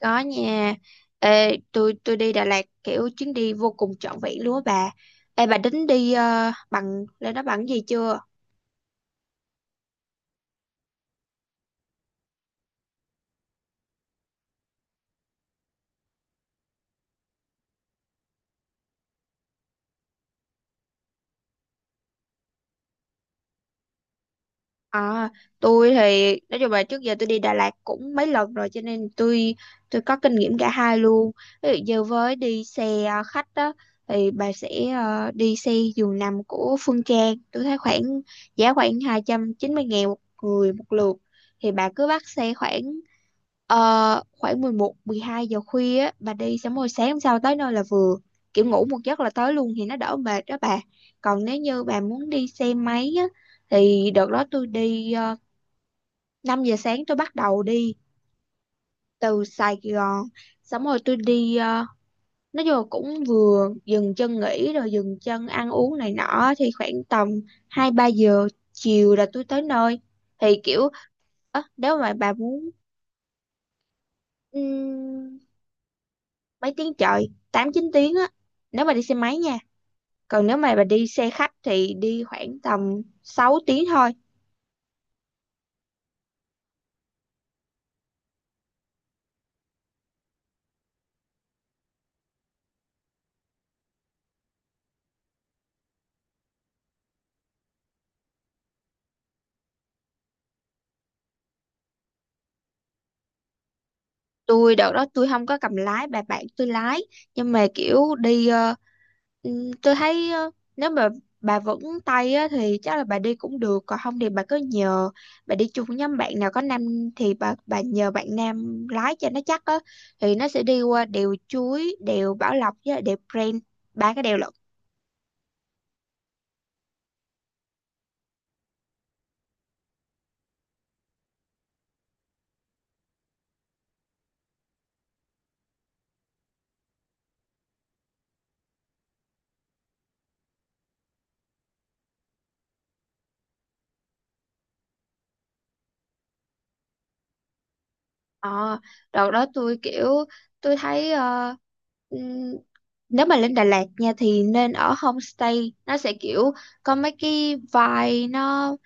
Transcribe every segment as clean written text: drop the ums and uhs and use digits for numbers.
Có nha. Ê, tôi đi Đà Lạt kiểu chuyến đi vô cùng trọn vẹn luôn á bà. Ê bà tính đi bằng lên đó bằng cái gì chưa? À, tôi thì nói chung là trước giờ tôi đi Đà Lạt cũng mấy lần rồi cho nên tôi có kinh nghiệm cả hai luôn. Ví dụ như với đi xe khách đó thì bà sẽ đi xe giường nằm của Phương Trang. Tôi thấy khoảng giá khoảng 290 ngàn một người một lượt. Thì bà cứ bắt xe khoảng khoảng 11 12 giờ khuya á, bà đi xong rồi sáng hôm sau tới nơi là vừa. Kiểu ngủ một giấc là tới luôn thì nó đỡ mệt đó bà. Còn nếu như bà muốn đi xe máy thì đợt đó tôi đi 5 giờ sáng tôi bắt đầu đi từ Sài Gòn xong rồi tôi đi nói chung là cũng vừa dừng chân nghỉ rồi dừng chân ăn uống này nọ thì khoảng tầm 2 3 giờ chiều là tôi tới nơi thì kiểu nếu mà bà muốn ừm, mấy tiếng trời 8 9 tiếng á nếu mà đi xe máy nha còn nếu mà bà đi xe khách thì đi khoảng tầm 6 tiếng thôi. Đợt đó tôi không có cầm lái, bà bạn tôi lái nhưng mà kiểu đi ừ, tôi thấy nếu mà bà vững tay á, thì chắc là bà đi cũng được còn không thì bà cứ nhờ, bà đi chung với nhóm bạn nào có nam thì bà nhờ bạn nam lái cho nó chắc á, thì nó sẽ đi qua đèo Chuối, đèo Bảo Lộc với lại đèo Prenn, ba cái đèo lận. ờ Đợt đó tôi kiểu tôi thấy ừm, nếu mà lên Đà Lạt nha thì nên ở homestay, nó sẽ kiểu có mấy cái vibe,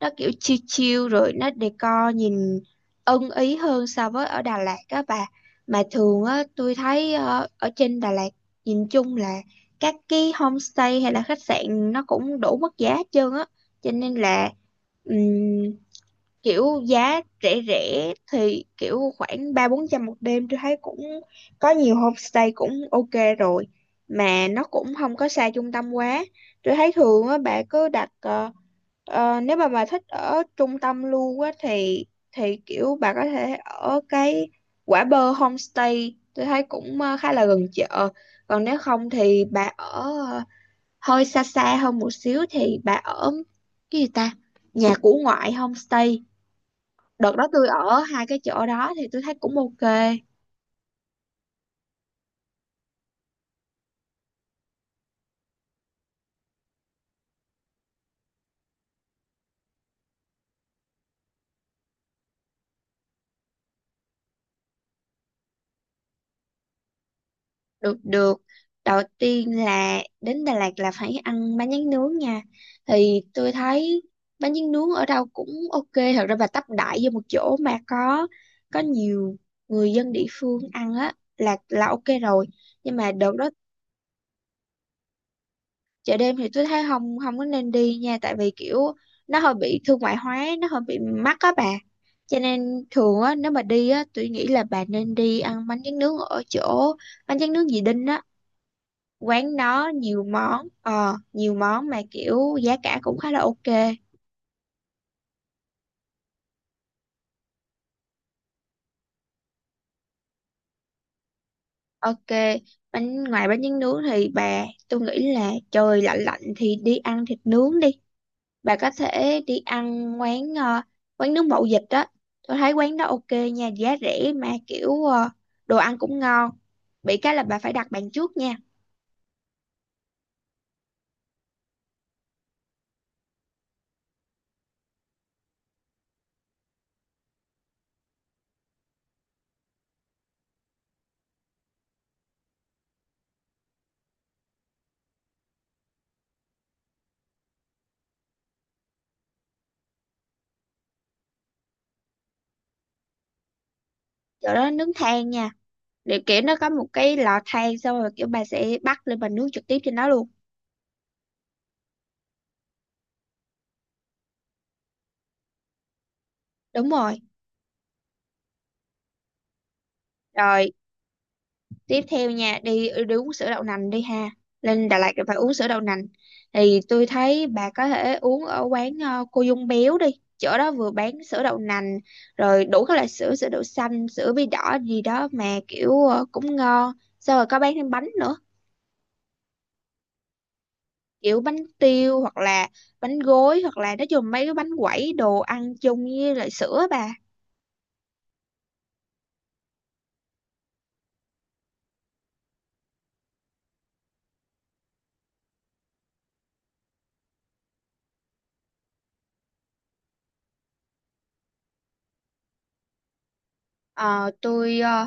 nó kiểu chill chill rồi nó decor nhìn ưng ý hơn so với ở Đà Lạt á bà. Mà thường á tôi thấy ở trên Đà Lạt nhìn chung là các cái homestay hay là khách sạn nó cũng đủ mức giá hết trơn á, cho nên là kiểu giá rẻ rẻ thì kiểu khoảng ba bốn trăm một đêm tôi thấy cũng có nhiều homestay cũng ok rồi, mà nó cũng không có xa trung tâm quá. Tôi thấy thường á bà cứ đặt nếu mà bà thích ở trung tâm luôn á thì kiểu bà có thể ở cái Quả Bơ homestay, tôi thấy cũng khá là gần chợ. Còn nếu không thì bà ở ờ, hơi xa xa hơn một xíu thì bà ở cái gì ta, nhà của ngoại homestay. Đợt đó tôi ở hai cái chỗ đó thì tôi thấy cũng ok. Được, được, đầu tiên là đến Đà Lạt là phải ăn bánh tráng nướng nha. Thì tôi thấy bánh tráng nướng ở đâu cũng ok, thật ra bà tấp đại vô một chỗ mà có nhiều người dân địa phương ăn á là ok rồi. Nhưng mà đợt đó chợ đêm thì tôi thấy không, không có nên đi nha tại vì kiểu nó hơi bị thương mại hóa, nó hơi bị mắc á bà. Cho nên thường á nếu mà đi á tôi nghĩ là bà nên đi ăn bánh tráng nướng ở chỗ bánh tráng nướng dì Đinh á, quán nó nhiều món nhiều món mà kiểu giá cả cũng khá là ok. Ok, bánh ngoài bánh tráng nướng thì bà tôi nghĩ là trời lạnh lạnh thì đi ăn thịt nướng đi. Bà có thể đi ăn quán quán nướng mậu dịch á, tôi thấy quán đó ok nha, giá rẻ mà kiểu đồ ăn cũng ngon, bị cái là bà phải đặt bàn trước nha. Chỗ đó nướng than nha, để kiểu nó có một cái lò than xong rồi kiểu bà sẽ bắt lên bà nướng trực tiếp trên đó luôn. Đúng rồi. Rồi tiếp theo nha, đi đi uống sữa đậu nành đi ha, lên Đà Lạt thì phải uống sữa đậu nành. Thì tôi thấy bà có thể uống ở quán cô Dung Béo đi, chỗ đó vừa bán sữa đậu nành rồi đủ các loại sữa, sữa đậu xanh, sữa bí đỏ gì đó mà kiểu cũng ngon, xong rồi có bán thêm bánh nữa, kiểu bánh tiêu hoặc là bánh gối hoặc là nói chung mấy cái bánh quẩy đồ ăn chung với lại sữa bà. Ờ, tôi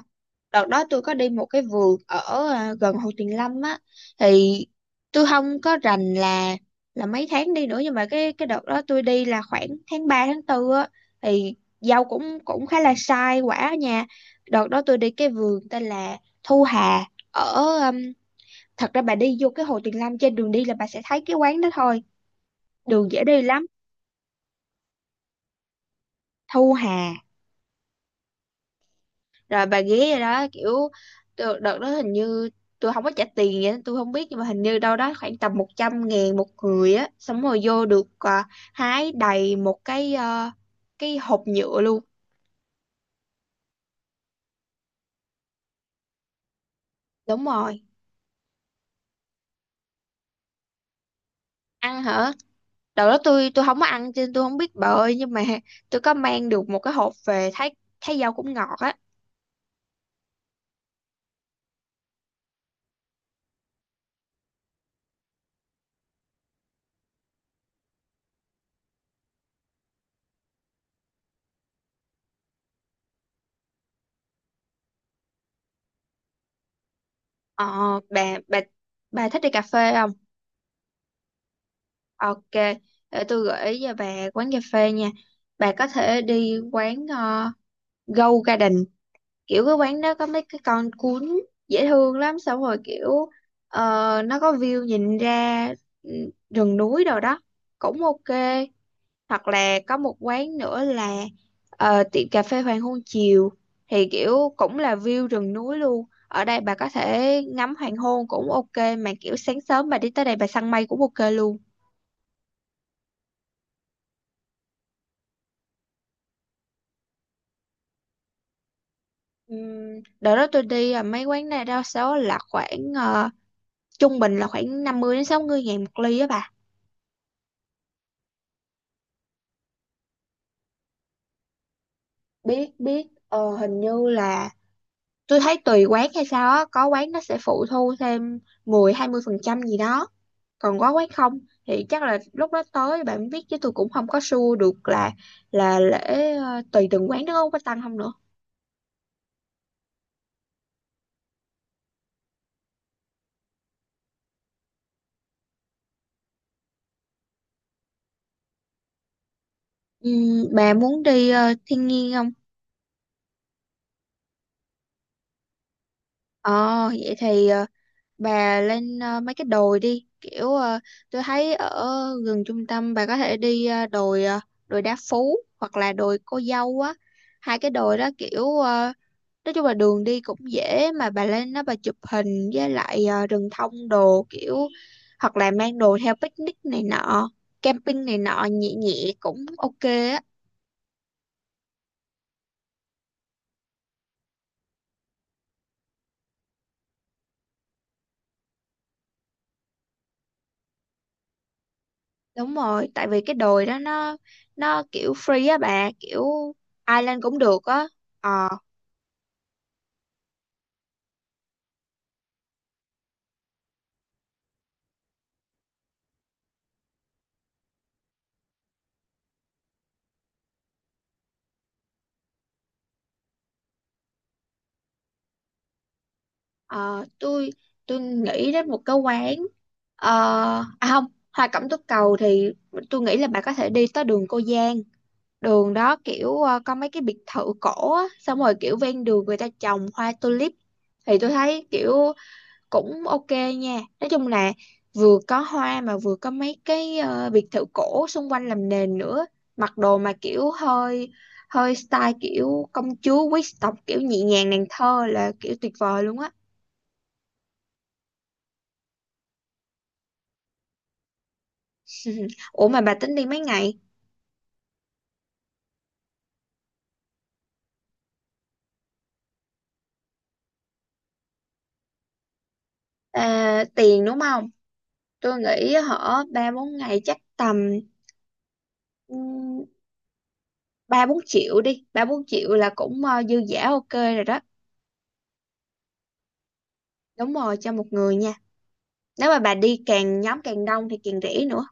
đợt đó tôi có đi một cái vườn ở gần Hồ Tuyền Lâm á. Thì tôi không có rành là mấy tháng đi nữa nhưng mà cái đợt đó tôi đi là khoảng tháng 3 tháng tư á. Thì dâu cũng cũng khá là sai quả ở nhà. Đợt đó tôi đi cái vườn tên là Thu Hà, ở um, thật ra bà đi vô cái Hồ Tuyền Lâm, trên đường đi là bà sẽ thấy cái quán đó thôi, đường dễ đi lắm. Thu Hà. Rồi bà ghé rồi đó kiểu đợt đó hình như tôi không có trả tiền vậy tôi không biết nhưng mà hình như đâu đó khoảng tầm 100 ngàn một người á, xong rồi vô được hái đầy một cái cái hộp nhựa luôn. Đúng rồi. Ăn hả? Đầu đó tôi không có ăn cho nên tôi không biết bà ơi, nhưng mà tôi có mang được một cái hộp về thấy thấy rau cũng ngọt á. Ờ, bà bà thích đi cà phê không? Ok, để tôi gửi cho bà quán cà phê nha. Bà có thể đi quán Go Garden, kiểu cái quán đó có mấy cái con cún dễ thương lắm, xong rồi kiểu ờ, nó có view nhìn ra ừ, rừng núi đồ đó cũng ok. Hoặc là có một quán nữa là tiệm cà phê hoàng hôn chiều, thì kiểu cũng là view rừng núi luôn, ở đây bà có thể ngắm hoàng hôn cũng ok mà kiểu sáng sớm bà đi tới đây bà săn mây cũng ok luôn. Đợt đó tôi đi mấy quán này đa số là khoảng trung bình là khoảng 50 đến 60 ngàn một ly á bà. Biết biết hình như là tôi thấy tùy quán hay sao á, có quán nó sẽ phụ thu thêm mười hai mươi phần trăm gì đó, còn có quán không thì chắc là lúc đó tới bạn biết chứ tôi cũng không có sure được là lễ tùy từng quán nó có tăng không nữa. Bà muốn đi thiên nhiên không? Ờ Vậy thì bà lên mấy cái đồi đi kiểu tôi thấy ở gần trung tâm bà có thể đi đồi đồi Đá Phú hoặc là đồi Cô Dâu á, hai cái đồi đó kiểu nói chung là đường đi cũng dễ mà bà lên đó bà chụp hình với lại rừng thông đồ kiểu hoặc là mang đồ theo picnic này nọ, camping này nọ nhẹ nhẹ cũng ok á. Đúng rồi, tại vì cái đồi đó nó kiểu free á bà, kiểu ai lên cũng được á. Ờ. Ờ, tôi nghĩ đến một cái quán ờ, à không, Hoa Cẩm Tú Cầu thì tôi nghĩ là bà có thể đi tới đường Cô Giang, đường đó kiểu có mấy cái biệt thự cổ á, xong rồi kiểu ven đường người ta trồng hoa tulip. Thì tôi thấy kiểu cũng ok nha, nói chung là vừa có hoa mà vừa có mấy cái biệt thự cổ xung quanh làm nền nữa, mặc đồ mà kiểu hơi hơi style kiểu công chúa quý tộc kiểu nhẹ nhàng nàng thơ là kiểu tuyệt vời luôn á. Ủa mà bà tính đi mấy ngày? À, tiền đúng không? Tôi nghĩ hở ba bốn ngày chắc tầm ừm, ba bốn triệu đi. Ba bốn triệu là cũng dư dả ok rồi đó. Đúng rồi, cho một người nha. Nếu mà bà đi càng nhóm càng đông thì càng rẻ nữa.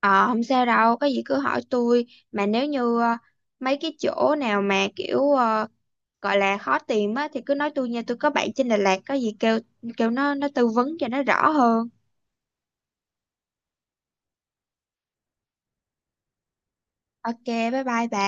Ờ không sao đâu, có gì cứ hỏi tôi. Mà nếu như mấy cái chỗ nào mà kiểu gọi là khó tìm á thì cứ nói tôi nha. Tôi có bạn trên Đà Lạt, có gì kêu kêu nó tư vấn cho nó rõ hơn. Ok, bye bye bà.